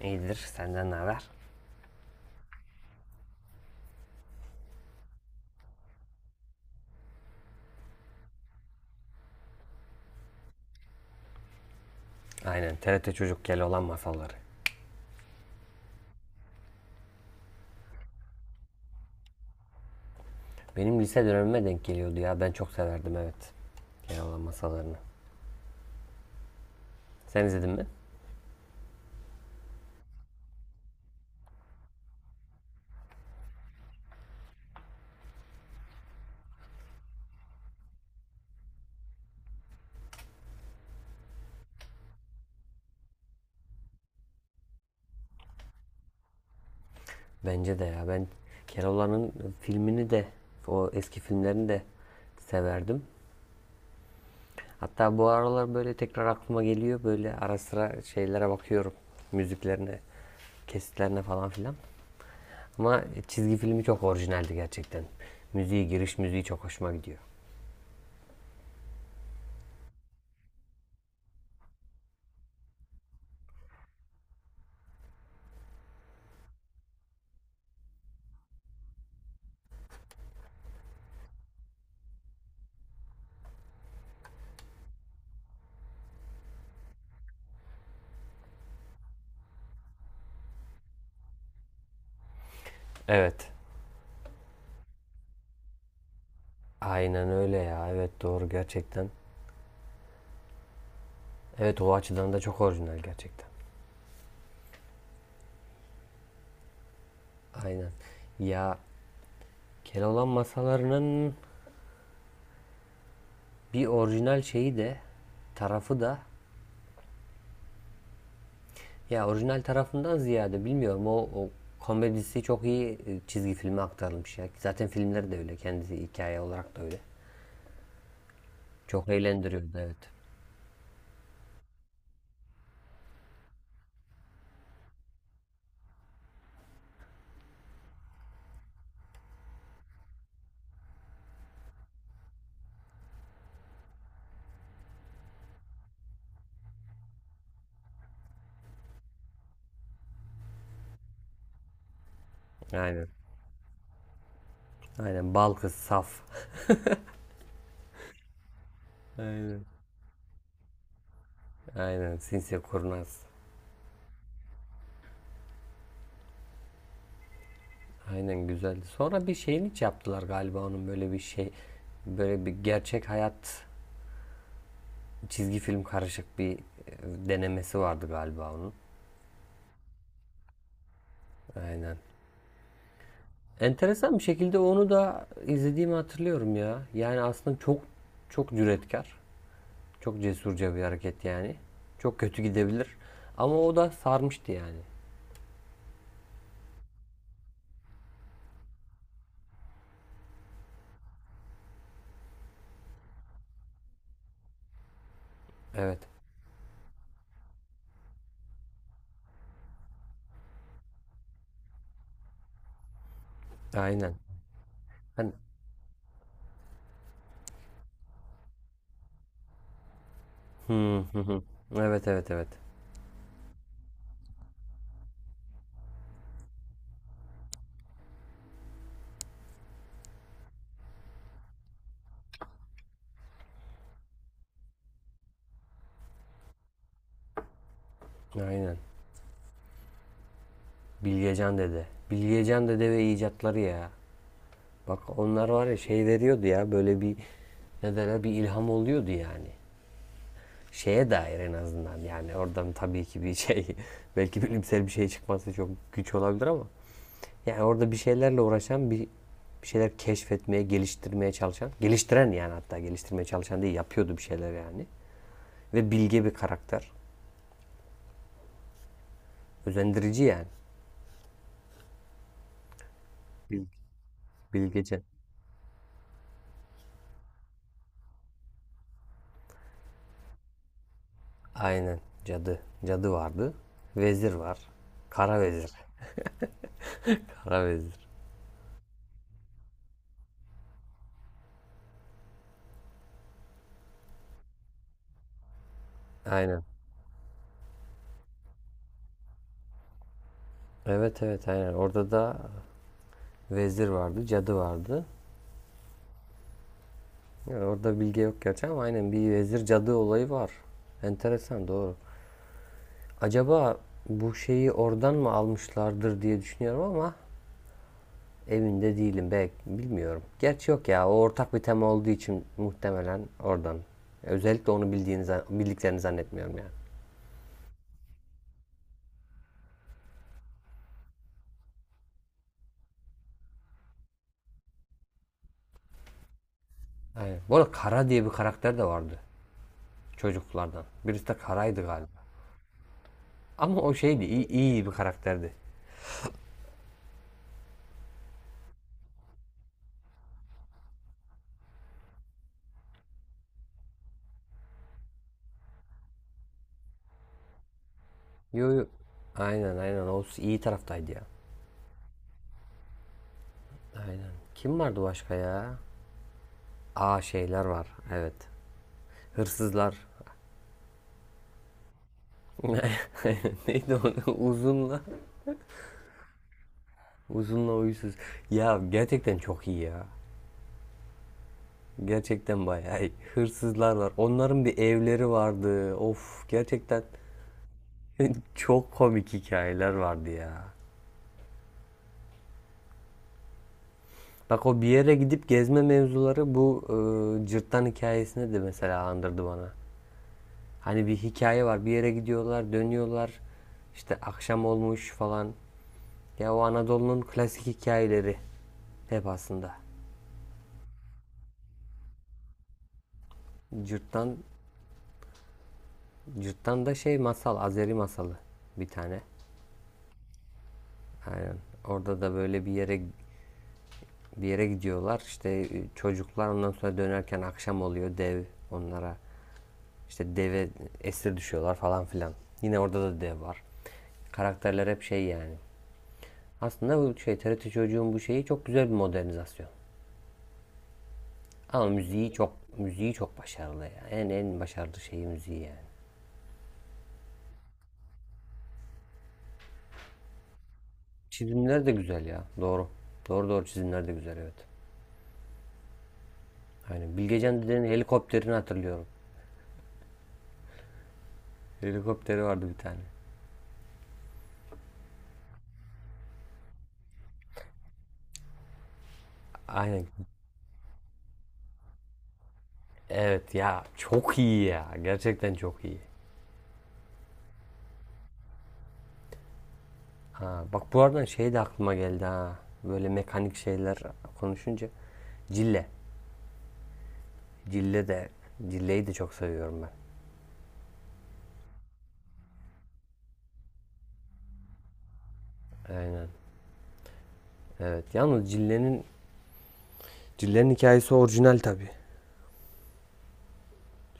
İyidir, senden ne haber? Aynen, TRT Çocuk Keloğlan masalları. Benim lise dönemime denk geliyordu ya, ben çok severdim evet. Keloğlan masallarını. Sen izledin mi? Bence de ya, ben Keloğlan'ın filmini de, o eski filmlerini de severdim. Hatta bu aralar böyle tekrar aklıma geliyor, böyle ara sıra şeylere bakıyorum. Müziklerine, kesitlerine falan filan. Ama çizgi filmi çok orijinaldi gerçekten. Müziği, giriş müziği çok hoşuma gidiyor. Evet, aynen öyle ya. Evet, doğru gerçekten. Evet, o açıdan da çok orijinal gerçekten. Aynen. Ya, Keloğlan masalarının bir orijinal şeyi de tarafı da ya orijinal tarafından ziyade bilmiyorum o komedisi çok iyi çizgi filme aktarılmış ya. Zaten filmleri de öyle. Kendisi hikaye olarak da öyle. Çok eğlendiriyordu evet. Aynen. Aynen. Bal kız saf. Aynen. Aynen. Sinsi kurnaz. Aynen, güzeldi. Sonra bir şeyini yaptılar galiba onun, böyle bir şey, böyle bir gerçek hayat çizgi film karışık bir denemesi vardı galiba onun. Aynen. Enteresan bir şekilde onu da izlediğimi hatırlıyorum ya. Yani aslında çok çok cüretkar, çok cesurca bir hareket yani. Çok kötü gidebilir ama o da sarmıştı yani. Evet. Aynen. Hani. Hı hı hı. Evet, evet, evet. Aynen. Bilgecan Dede. Bilgecan Dede ve icatları ya. Bak, onlar var ya, şey veriyordu ya, böyle bir ne derler, bir ilham oluyordu yani. Şeye dair en azından yani, oradan tabii ki bir şey belki bilimsel bir şey çıkması çok güç olabilir ama yani orada bir şeylerle uğraşan bir şeyler keşfetmeye, geliştirmeye çalışan, geliştiren, yani hatta geliştirmeye çalışan değil, yapıyordu bir şeyler yani. Ve bilge bir karakter. Özendirici yani. Bil- Bilgece. Aynen. Cadı. Cadı vardı. Vezir var. Kara vezir. Kara vezir. Aynen. Evet, evet, aynen. Orada da vezir vardı, cadı vardı. Yani orada bilgi yok gerçi ama aynen bir vezir cadı olayı var. Enteresan, doğru. Acaba bu şeyi oradan mı almışlardır diye düşünüyorum ama emin de değilim, belki bilmiyorum. Gerçi yok ya, o ortak bir tema olduğu için muhtemelen oradan. Özellikle onu bildiğini bildiklerini zannetmiyorum yani. Aynen. Bu arada Kara diye bir karakter de vardı çocuklardan. Birisi de Kara'ydı galiba. Ama o şeydi, iyi bir karakterdi. Yo, yo. Aynen, aynen. O iyi taraftaydı ya. Aynen. Kim vardı başka ya? Aa, şeyler var. Evet. Hırsızlar. Neydi o? Uzunla. Uysuz. Ya, gerçekten çok iyi ya. Gerçekten bayağı iyi. Hırsızlar var. Onların bir evleri vardı. Of, gerçekten çok komik hikayeler vardı ya. Bak, o bir yere gidip gezme mevzuları bu cırttan hikayesine de mesela andırdı bana. Hani bir hikaye var. Bir yere gidiyorlar, dönüyorlar. İşte akşam olmuş falan. Ya, o Anadolu'nun klasik hikayeleri hep aslında. Cırt'tan, Cırt'tan şey masal, Azeri masalı bir tane. Aynen. Orada da böyle bir yere gidiyorlar. İşte çocuklar ondan sonra dönerken akşam oluyor, dev onlara. İşte deve esir düşüyorlar falan filan. Yine orada da dev var. Karakterler hep şey yani. Aslında bu şey, TRT çocuğun bu şeyi çok güzel bir modernizasyon. Ama müziği çok, müziği çok başarılı ya. En başarılı şeyi müziği yani. Çizimler de güzel ya. Doğru. Doğru, doğru, çizimler de güzel, evet. Aynen. Bilgecan dedenin helikopterini hatırlıyorum. Helikopteri vardı bir tane. Aynen. Evet ya, çok iyi ya. Gerçekten çok iyi. Ha, bak, bu arada şey de aklıma geldi ha. Böyle mekanik şeyler konuşunca. Cille. Cille de. Cille'yi de çok seviyorum ben. Aynen. Evet. Yalnız Cille'nin hikayesi orijinal tabii.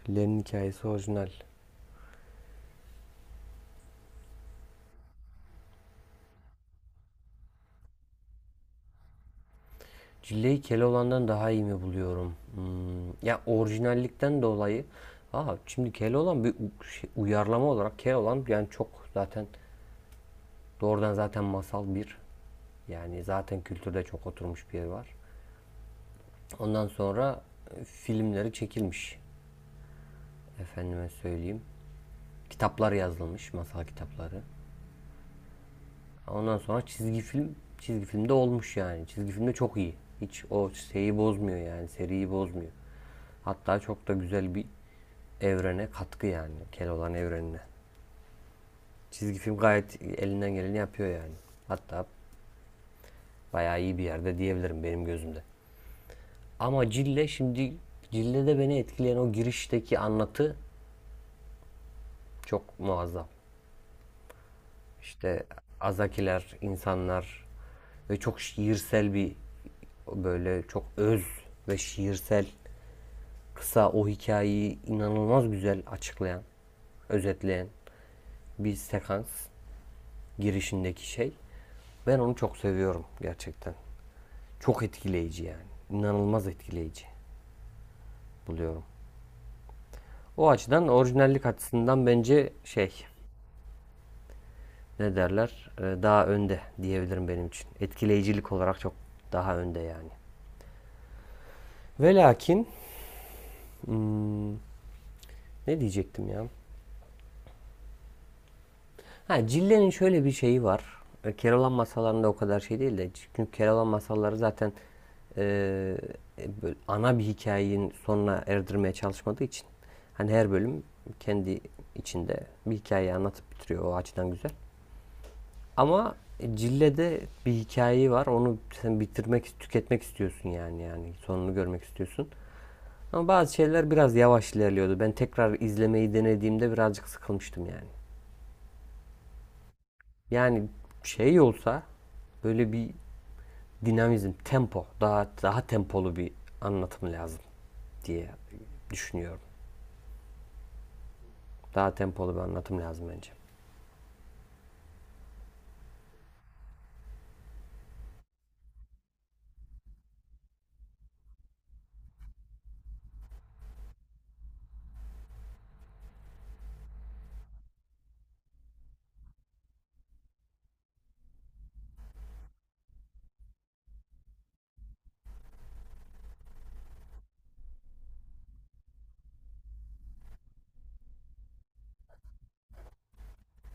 Cille'nin hikayesi orijinal. Cilleyi Keloğlan'dan daha iyi mi buluyorum? Hmm, ya orijinallikten dolayı. Aa, şimdi Keloğlan bir uyarlama olarak Keloğlan, yani çok zaten doğrudan zaten masal bir. Yani zaten kültürde çok oturmuş bir yer var. Ondan sonra filmleri çekilmiş. Efendime söyleyeyim. Kitaplar yazılmış, masal kitapları. Ondan sonra çizgi film, çizgi filmde olmuş yani. Çizgi filmde çok iyi. Hiç o şeyi bozmuyor yani, seriyi bozmuyor. Hatta çok da güzel bir evrene katkı yani. Keloğlan evrenine. Çizgi film gayet elinden geleni yapıyor yani. Hatta bayağı iyi bir yerde diyebilirim benim gözümde. Ama Cille şimdi, Cille'de beni etkileyen o girişteki anlatı çok muazzam. İşte azakiler, insanlar ve çok şiirsel bir, böyle çok öz ve şiirsel, kısa o hikayeyi inanılmaz güzel açıklayan, özetleyen bir sekans girişindeki şey. Ben onu çok seviyorum gerçekten. Çok etkileyici yani. İnanılmaz etkileyici buluyorum. O açıdan orijinallik açısından bence şey, ne derler, daha önde diyebilirim benim için. Etkileyicilik olarak çok daha önde yani. Ve lakin ne diyecektim ya? Ha, Cille'nin şöyle bir şeyi var. Keloğlan masallarında o kadar şey değil de, çünkü Keloğlan masalları zaten e, böyle ana bir hikayenin sonuna erdirmeye çalışmadığı için hani her bölüm kendi içinde bir hikayeyi anlatıp bitiriyor, o açıdan güzel. Ama Cille'de bir hikayeyi var. Onu sen bitirmek, tüketmek istiyorsun yani sonunu görmek istiyorsun. Ama bazı şeyler biraz yavaş ilerliyordu. Ben tekrar izlemeyi denediğimde birazcık sıkılmıştım yani. Yani şey olsa, böyle bir dinamizm, tempo, daha tempolu bir anlatım lazım diye düşünüyorum. Daha tempolu bir anlatım lazım bence.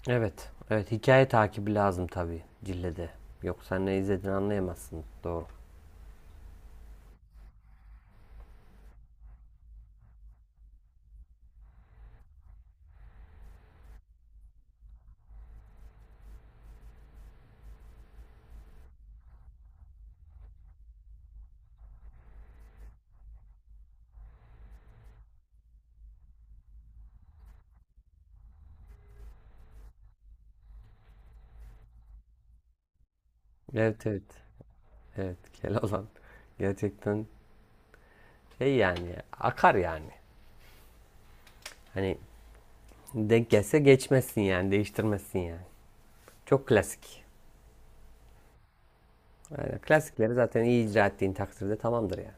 Evet, evet, hikaye takibi lazım tabii Cille'de. Yoksa ne izlediğini anlayamazsın. Doğru. Evet, evet. Evet, Keloğlan gerçekten şey yani, akar yani. Hani denk gelse geçmezsin yani, değiştirmezsin yani. Çok klasik. Yani klasikleri zaten iyi icra ettiğin takdirde tamamdır yani.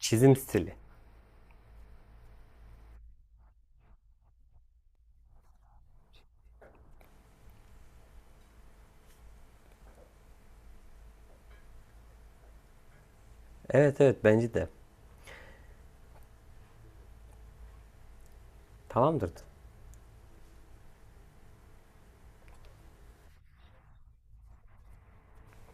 Çizim stili. Evet, evet, bence de. Tamamdır.